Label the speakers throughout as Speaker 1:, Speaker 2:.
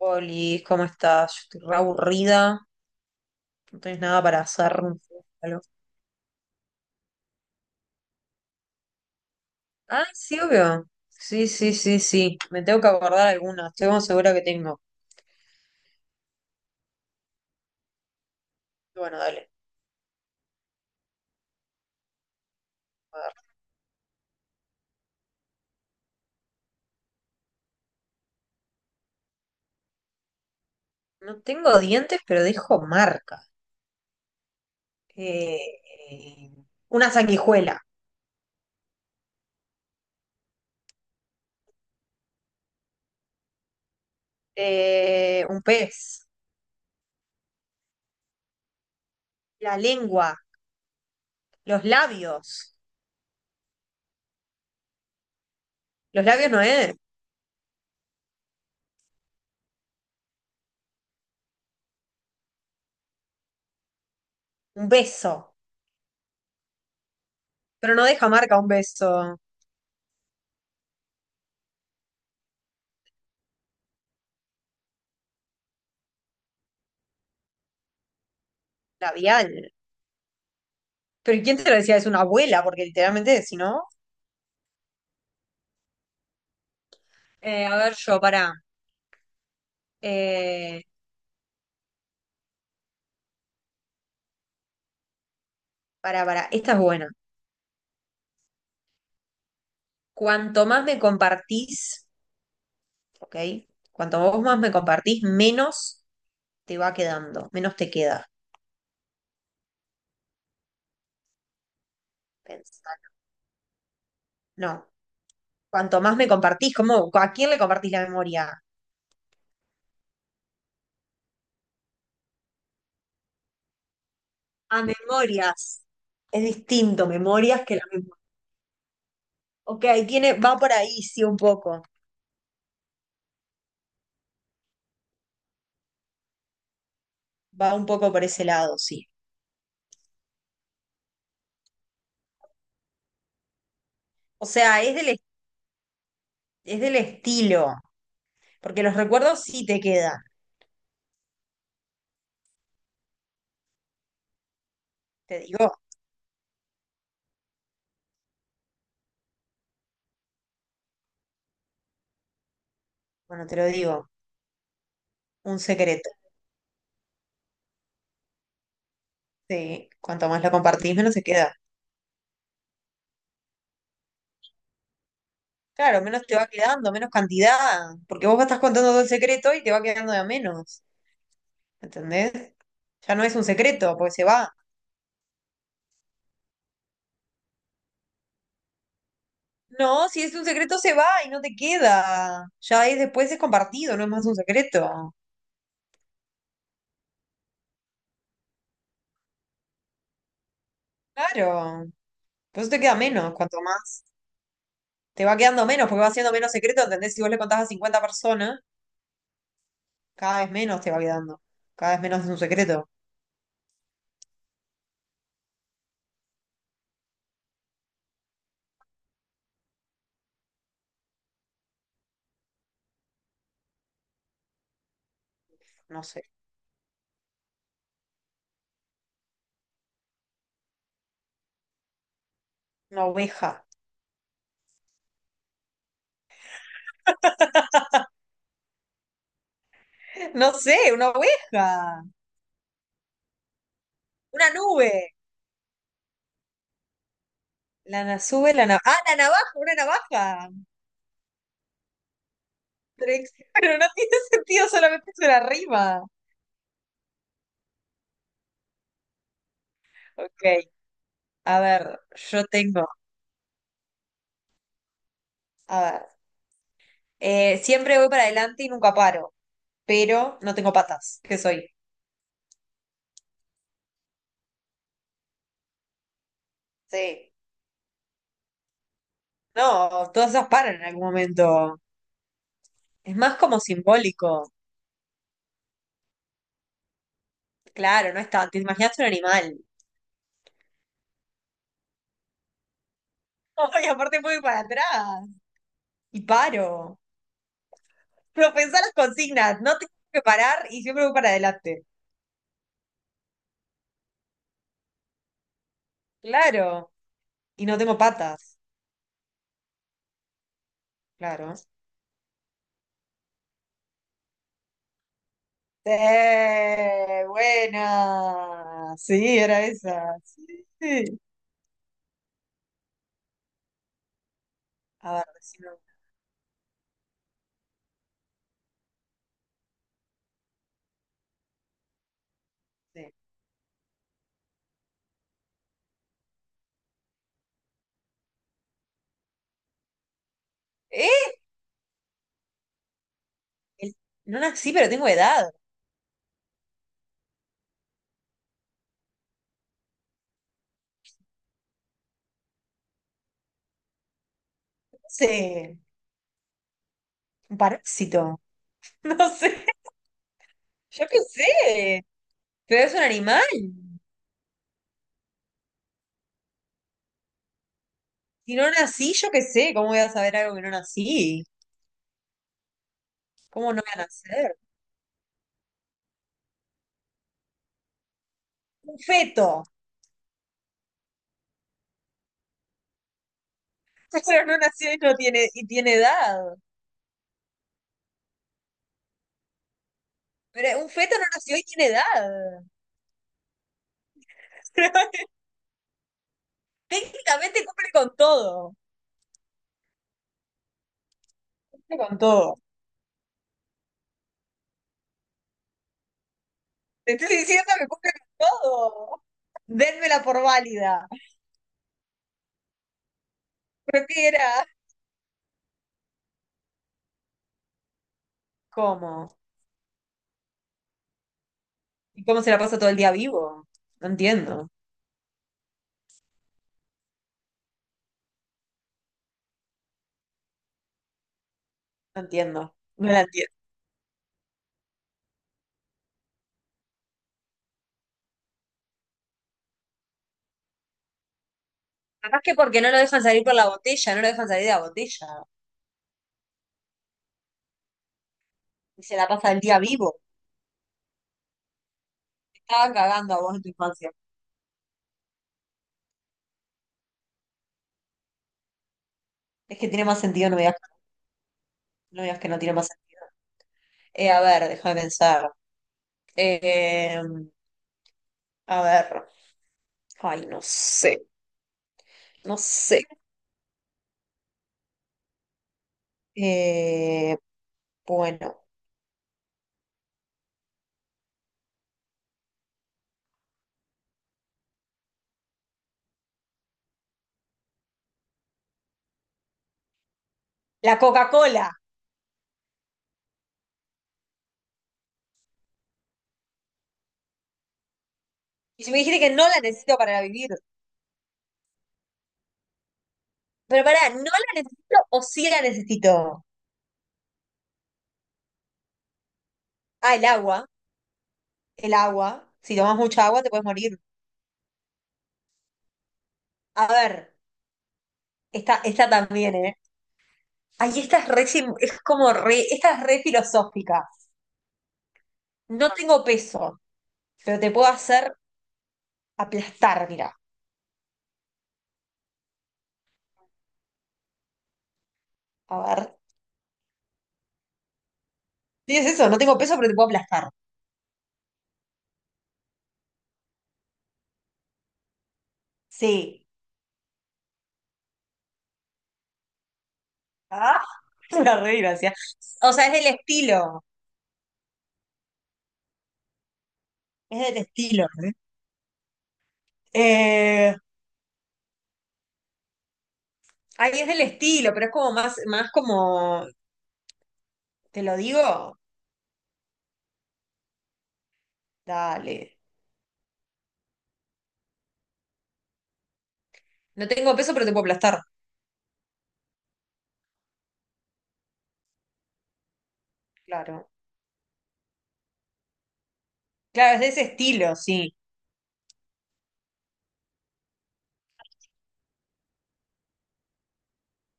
Speaker 1: Oli, ¿cómo estás? Yo estoy re aburrida. No tenés nada para hacer. No sé, algo. Ah, sí, obvio. Sí, sí, sí, sí. Me tengo que acordar alguna. Estoy como segura que tengo. Bueno, dale. A ver. No tengo dientes, pero dejo marca. Eh, eh, una sanguijuela. Un pez. La lengua. Los labios. Los labios no es. Un beso. Pero no deja marca un beso labial. Pero ¿quién te lo decía? Es una abuela, porque literalmente, si no. A ver yo, pará. Eh, Pará, pará. Esta es buena. Cuanto más me compartís, ¿ok? Cuanto vos más me compartís, menos te va quedando, menos te queda. Pensar. No. Cuanto más me compartís, ¿cómo, ¿a quién le compartís la memoria? A memorias. Es distinto, memorias que la memoria. Ok, tiene, va por ahí, sí, un poco. Va un poco por ese lado, sí. O sea, es del, es del estilo. Porque los recuerdos sí te quedan. Te digo. Bueno, te lo digo, un secreto. Sí, cuanto más lo compartís, menos se queda. Claro, menos te va quedando, menos cantidad, porque vos estás contando todo el secreto y te va quedando de a menos, ¿entendés? Ya no es un secreto, porque se va. No, si es un secreto se va y no te queda. Ya es después es compartido, no es más un secreto. Claro. Por eso te queda menos, cuanto más. Te va quedando menos, porque va siendo menos secreto, ¿entendés? Si vos le contás a 50 personas, cada vez menos te va quedando. Cada vez menos es un secreto. No sé. Una oveja. No sé, una oveja, una nube. La na- sube la navaja. Ah, la navaja, una navaja. Pero, ex- pero no tiene sentido, solamente es una rima. Ok, a ver, yo tengo. A ver, siempre voy para adelante y nunca paro, pero no tengo patas. ¿Qué soy? Sí. No, todas esas paran en algún momento. Es más como simbólico. Claro, no es tanto. Te imaginaste un animal. Y aparte voy para atrás. Y paro. Pero pensá las consignas, no tengo que parar y siempre voy para adelante. Claro. Y no tengo patas. Claro. Sí, buena. Sí, era esa. Sí. A ver, decime una. Sí. ¿Eh? El- No nací, pero tengo edad. No sé. Un parásito. No sé. Yo qué sé. Pero es un animal. Si no nací, yo qué sé. ¿Cómo voy a saber algo que no nací? ¿Cómo no voy a nacer? Un feto. Pero no nació y no tiene, y tiene edad. Pero un feto no nació y tiene edad. Técnicamente cumple con todo. Cumple con todo. Te estoy diciendo que cumple con todo. Dénmela por válida. Pero ¿qué era? ¿Cómo? ¿Y cómo se la pasa todo el día vivo? No entiendo. No entiendo. No la entiendo. Capaz que porque no lo dejan salir por la botella, no lo dejan salir de la botella. Y se la pasa el día vivo. Te estaban cagando a vos en tu infancia. Es que tiene más sentido, no me digas, no me digas que no tiene más sentido. A ver, déjame pensar. Eh, a ver, ay, no sé, no sé. Eh, bueno, la Coca-Cola. Y si me dijiste que no la necesito para vivir. Pero pará, ¿no la necesito o sí la necesito? Ah, el agua, el agua. Si tomas mucha agua te puedes morir. A ver, esta también, ¿eh? Ay, esta es re, sim- es como re, esta es re filosófica. No tengo peso, pero te puedo hacer aplastar, mira. A ver. Sí, es eso, no tengo peso, pero te puedo aplastar. Sí. Ah, una re gracia. O sea, es del estilo. Es del estilo. ¿Eh? Eh, Ay, es del estilo, pero es como más, más como. ¿Te lo digo? Dale. No tengo peso, pero te puedo aplastar. Claro. Claro, es de ese estilo, sí.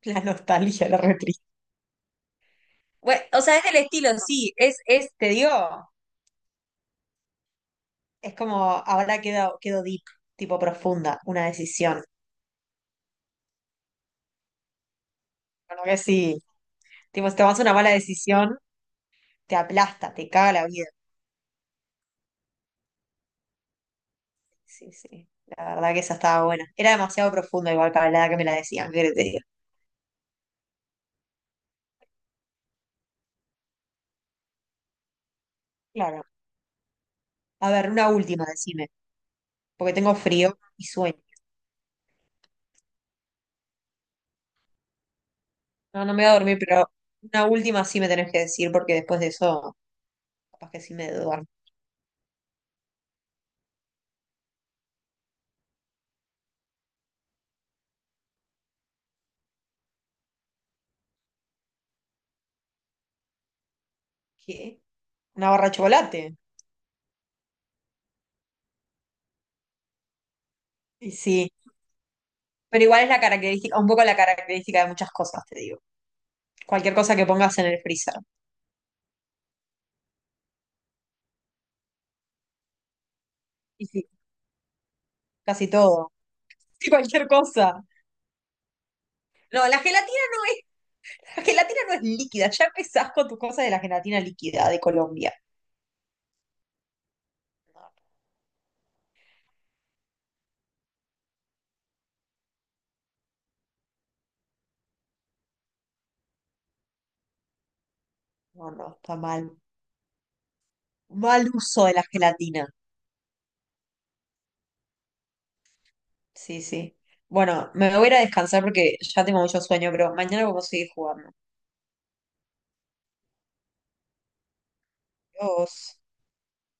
Speaker 1: La nostalgia, la re triste. Bueno, o sea, es del estilo, sí. Es, te digo, es como ahora quedo, quedo deep, tipo profunda, una decisión. Bueno, que sí. Tipo, si tomas una mala decisión. Te aplasta, te caga la vida. Sí, sí, la verdad que esa estaba buena. Era demasiado profunda igual para la edad que me la decían, ¿qué te diga? Claro. A ver, una última, decime, porque tengo frío y sueño. No, no me voy a dormir, pero una última sí me tenés que decir, porque después de eso, capaz que sí me duermo. ¿Qué? ¿Una barra de chocolate? Y sí. Pero igual es la característica, un poco la característica de muchas cosas, te digo. Cualquier cosa que pongas en el freezer. Y sí, casi todo. Sí, cualquier cosa. No, la gelatina no es, la gelatina no es líquida. Ya empezás con tus cosas de la gelatina líquida de Colombia. No, no, no, está mal. Mal uso de la gelatina. Sí, sí. Bueno, me voy a ir a descansar porque ya tengo mucho sueño, pero mañana vamos a seguir jugando. Adiós.